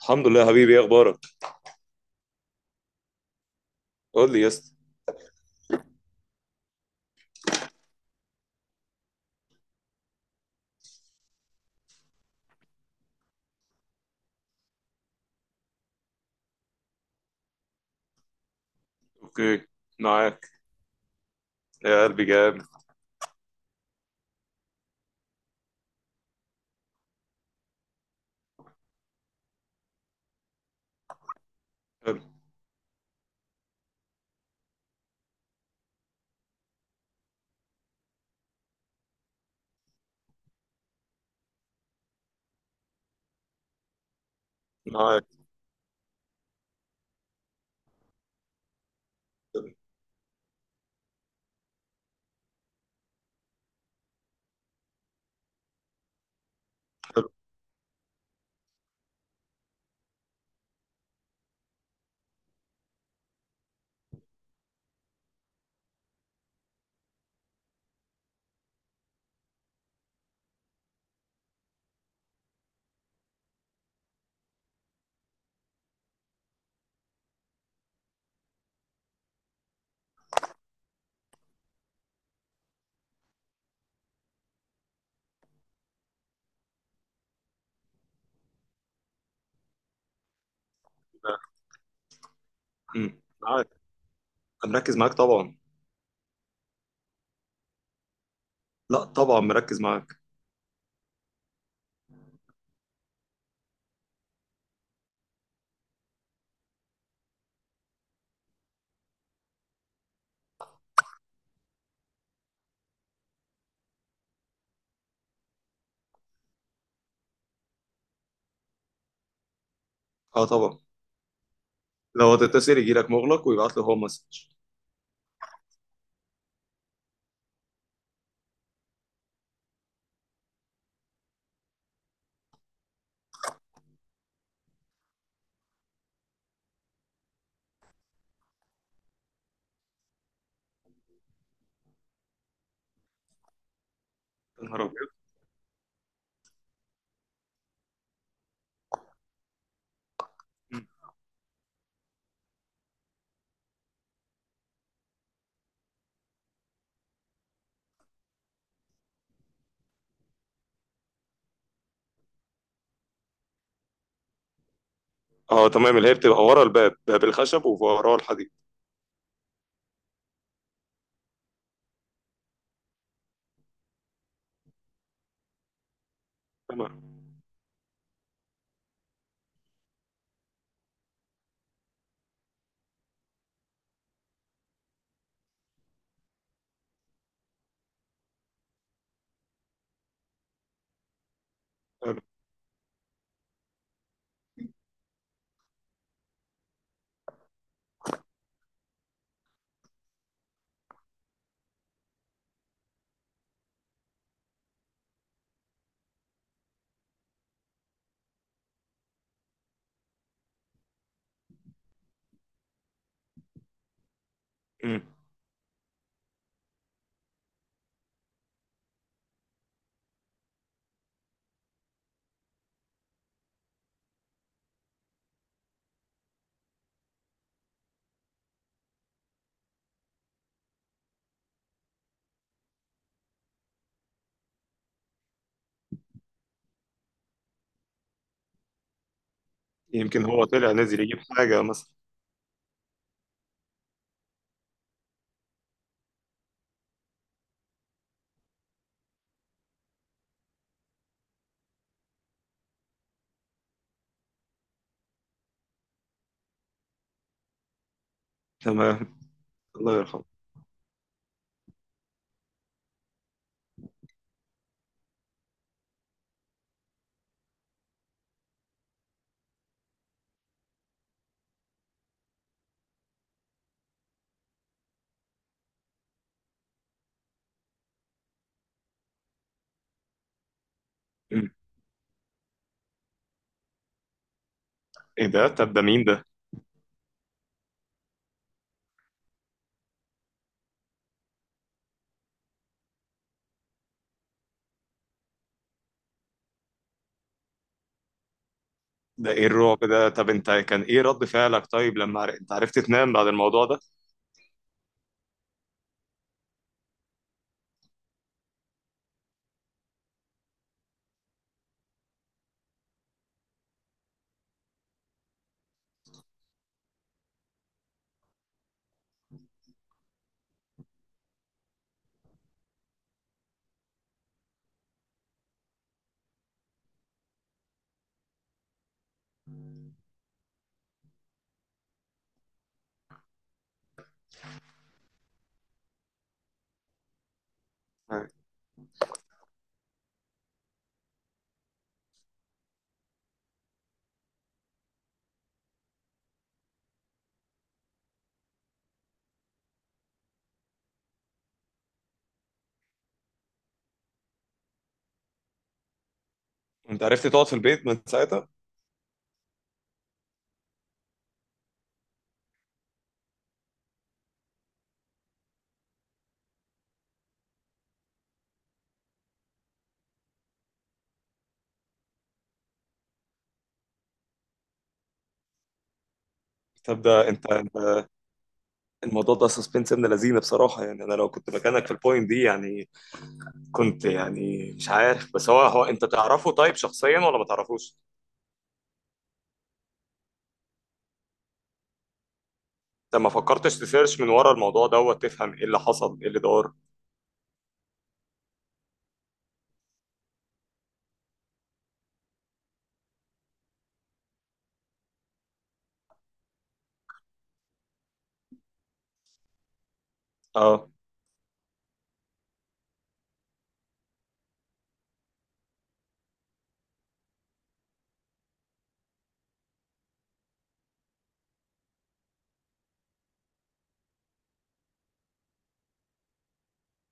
الحمد لله يا حبيبي، ايه اخبارك؟ قول لي يا اسطى. اوكي، معاك. يا قلبي جامد. حلو. معاك. حلو. أمم، معاك. أنا مركز معاك طبعا. لا طبعا مركز معاك. اه طبعا. لو هتتصل يجي لك مغلق ويبعت له هو مسج. يا نهار ابيض. أمم. اه تمام، اللي هي بتبقى ورا الباب، باب الخشب ووراه الحديد. تمام. حلو. أمم. يمكن هو طلع نازل يجيب حاجه مثلا. تمام. الله يرحمه. أمم. ايه ده؟ طب ده مين ده؟ ده ايه الرعب ده؟ طب انت كان ايه رد فعلك؟ طيب لما انت عرفت تنام بعد الموضوع ده؟ أيوة. انت عرفت تقعد في البيت من ساعتها؟ تبدا انت. الموضوع ده سسبنس ابن لذينه بصراحه، يعني انا لو كنت مكانك في البوينت دي يعني كنت يعني مش عارف. بس هو انت تعرفه طيب شخصيا ولا ما تعرفوش؟ انت ما فكرتش تسيرش من ورا الموضوع دوت تفهم ايه اللي حصل ايه اللي دار؟ اه.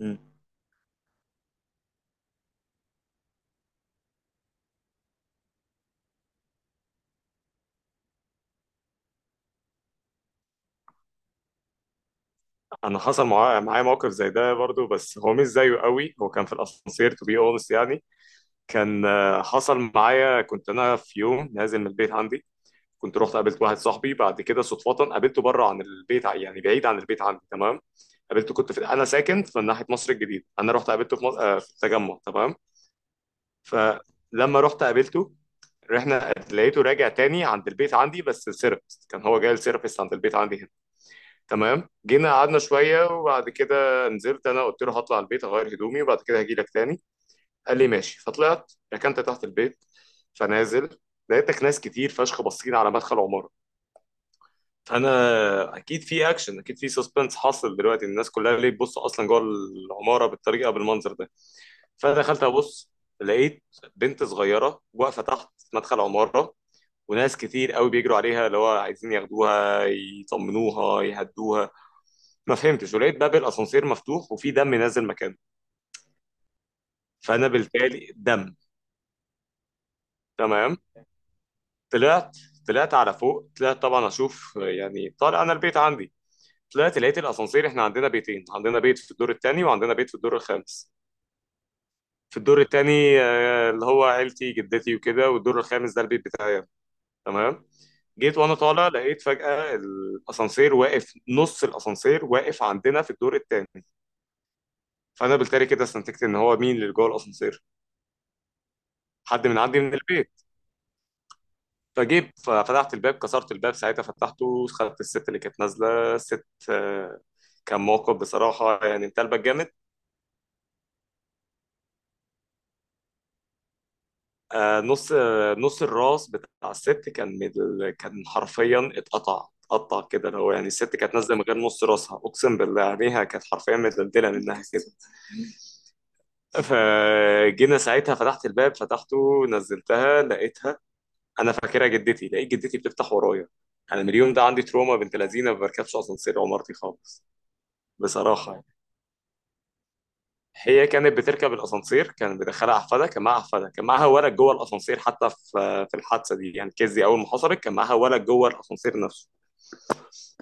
مم. انا حصل معايا موقف زي ده برضو، بس هو مش زيه قوي. هو كان في الاسانسير تو بي اونست يعني. كان حصل معايا، كنت انا في يوم نازل من البيت عندي، كنت رحت قابلت واحد صاحبي بعد كده صدفة، قابلته بره عن البيت يعني بعيد عن البيت عندي تمام. قابلته كنت في، انا ساكن في ناحية مصر الجديدة، انا رحت قابلته في مصر في التجمع تمام. فلما رحت قابلته رحنا، لقيته راجع تاني عند البيت عندي، بس السيرفيس كان هو جاي السيرفيس عند البيت عندي هنا. تمام، جينا قعدنا شوية وبعد كده نزلت انا. قلت له هطلع البيت اغير هدومي وبعد كده هجي لك تاني. قال لي ماشي. فطلعت ركنت تحت البيت، فنازل لقيتك ناس كتير فشخ باصين على مدخل عمارة. انا اكيد في اكشن، اكيد في سسبنس حاصل دلوقتي، الناس كلها ليه تبص اصلا جوه العماره بالطريقه بالمنظر ده. فدخلت ابص، لقيت بنت صغيره واقفه تحت مدخل عماره، وناس كتير قوي بيجروا عليها اللي هو عايزين ياخدوها يطمنوها يهدوها. ما فهمتش. ولقيت باب الاسانسير مفتوح وفي دم نازل مكانه. فانا بالتالي دم. تمام. طلعت، طلعت على فوق، طلعت طبعا اشوف، يعني طالع انا البيت عندي. طلعت لقيت الاسانسير، احنا عندنا بيتين، عندنا بيت في الدور الثاني وعندنا بيت في الدور الخامس. في الدور الثاني اللي هو عيلتي جدتي وكده، والدور الخامس ده البيت بتاعي. تمام. جيت وانا طالع لقيت فجأة الاسانسير واقف، نص الاسانسير واقف عندنا في الدور الثاني. فانا بالتالي كده استنتجت ان هو مين اللي جوه الاسانسير، حد من عندي من البيت. فجيت ففتحت الباب، كسرت الباب ساعتها، فتحته، خدت الست اللي كانت نازله الست. كان موقف بصراحه، يعني انت قلبك جامد. نص نص الراس بتاع الست كان من كان حرفيا اتقطع، اتقطع كده. لو يعني الست كانت نازله من غير نص راسها، اقسم بالله عليها كانت حرفيا متدلدله منها كده. فجينا ساعتها فتحت الباب، فتحته نزلتها، لقيتها انا فاكرها جدتي، لقيت جدتي بتفتح ورايا. انا من اليوم ده عندي تروما بنت لذينه، ما بركبش اسانسير عمارتي خالص. بصراحه يعني، هي كانت بتركب الاسانسير كان بيدخلها احفادها، كان معاها احفادها، كان معاها ولد جوه الاسانسير حتى في الحادثه دي يعني، كيزي اول ما حصلت كان معاها ولد جوه الاسانسير نفسه.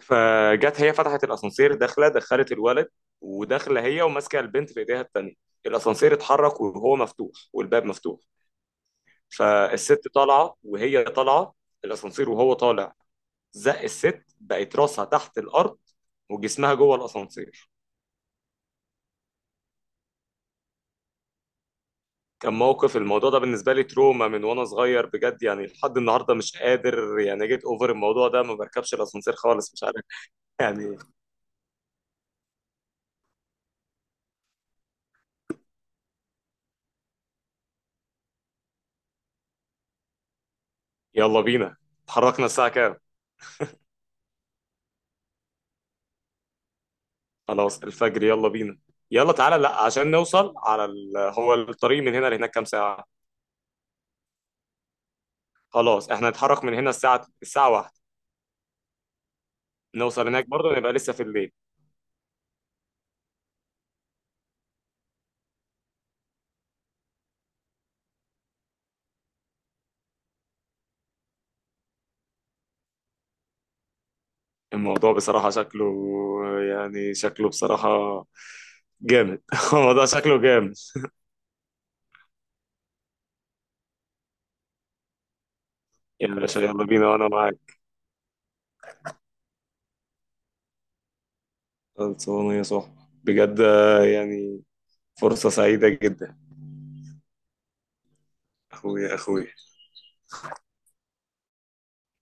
فجت هي فتحت الاسانسير داخله، دخلت الولد وداخله هي وماسكه البنت في ايديها التانيه. الاسانسير اتحرك وهو مفتوح والباب مفتوح. فالست طالعه وهي طالعه، الاسانسير وهو طالع زق الست، بقت راسها تحت الارض وجسمها جوه الاسانسير. كان موقف. الموضوع ده بالنسبة لي تروما من وانا صغير بجد، يعني لحد النهاردة مش قادر يعني جيت اوفر الموضوع ده. ما بركبش الاسانسير خالص، مش عارف. يعني يلا بينا. اتحركنا الساعة كام؟ خلاص الفجر، يلا بينا. يلا تعالى، لا عشان نوصل على ال... هو الطريق من هنا لهناك كام ساعة؟ خلاص احنا هنتحرك من هنا الساعة، الساعة واحدة. نوصل هناك برضه نبقى لسه في الليل. الموضوع بصراحة شكله، يعني شكله بصراحة جامد. الموضوع شكله جامد. يا باشا يلا بينا، وانا معاك. خلصانة يا صاحبي. بجد يعني فرصة سعيدة جدا. أخويا أخويا.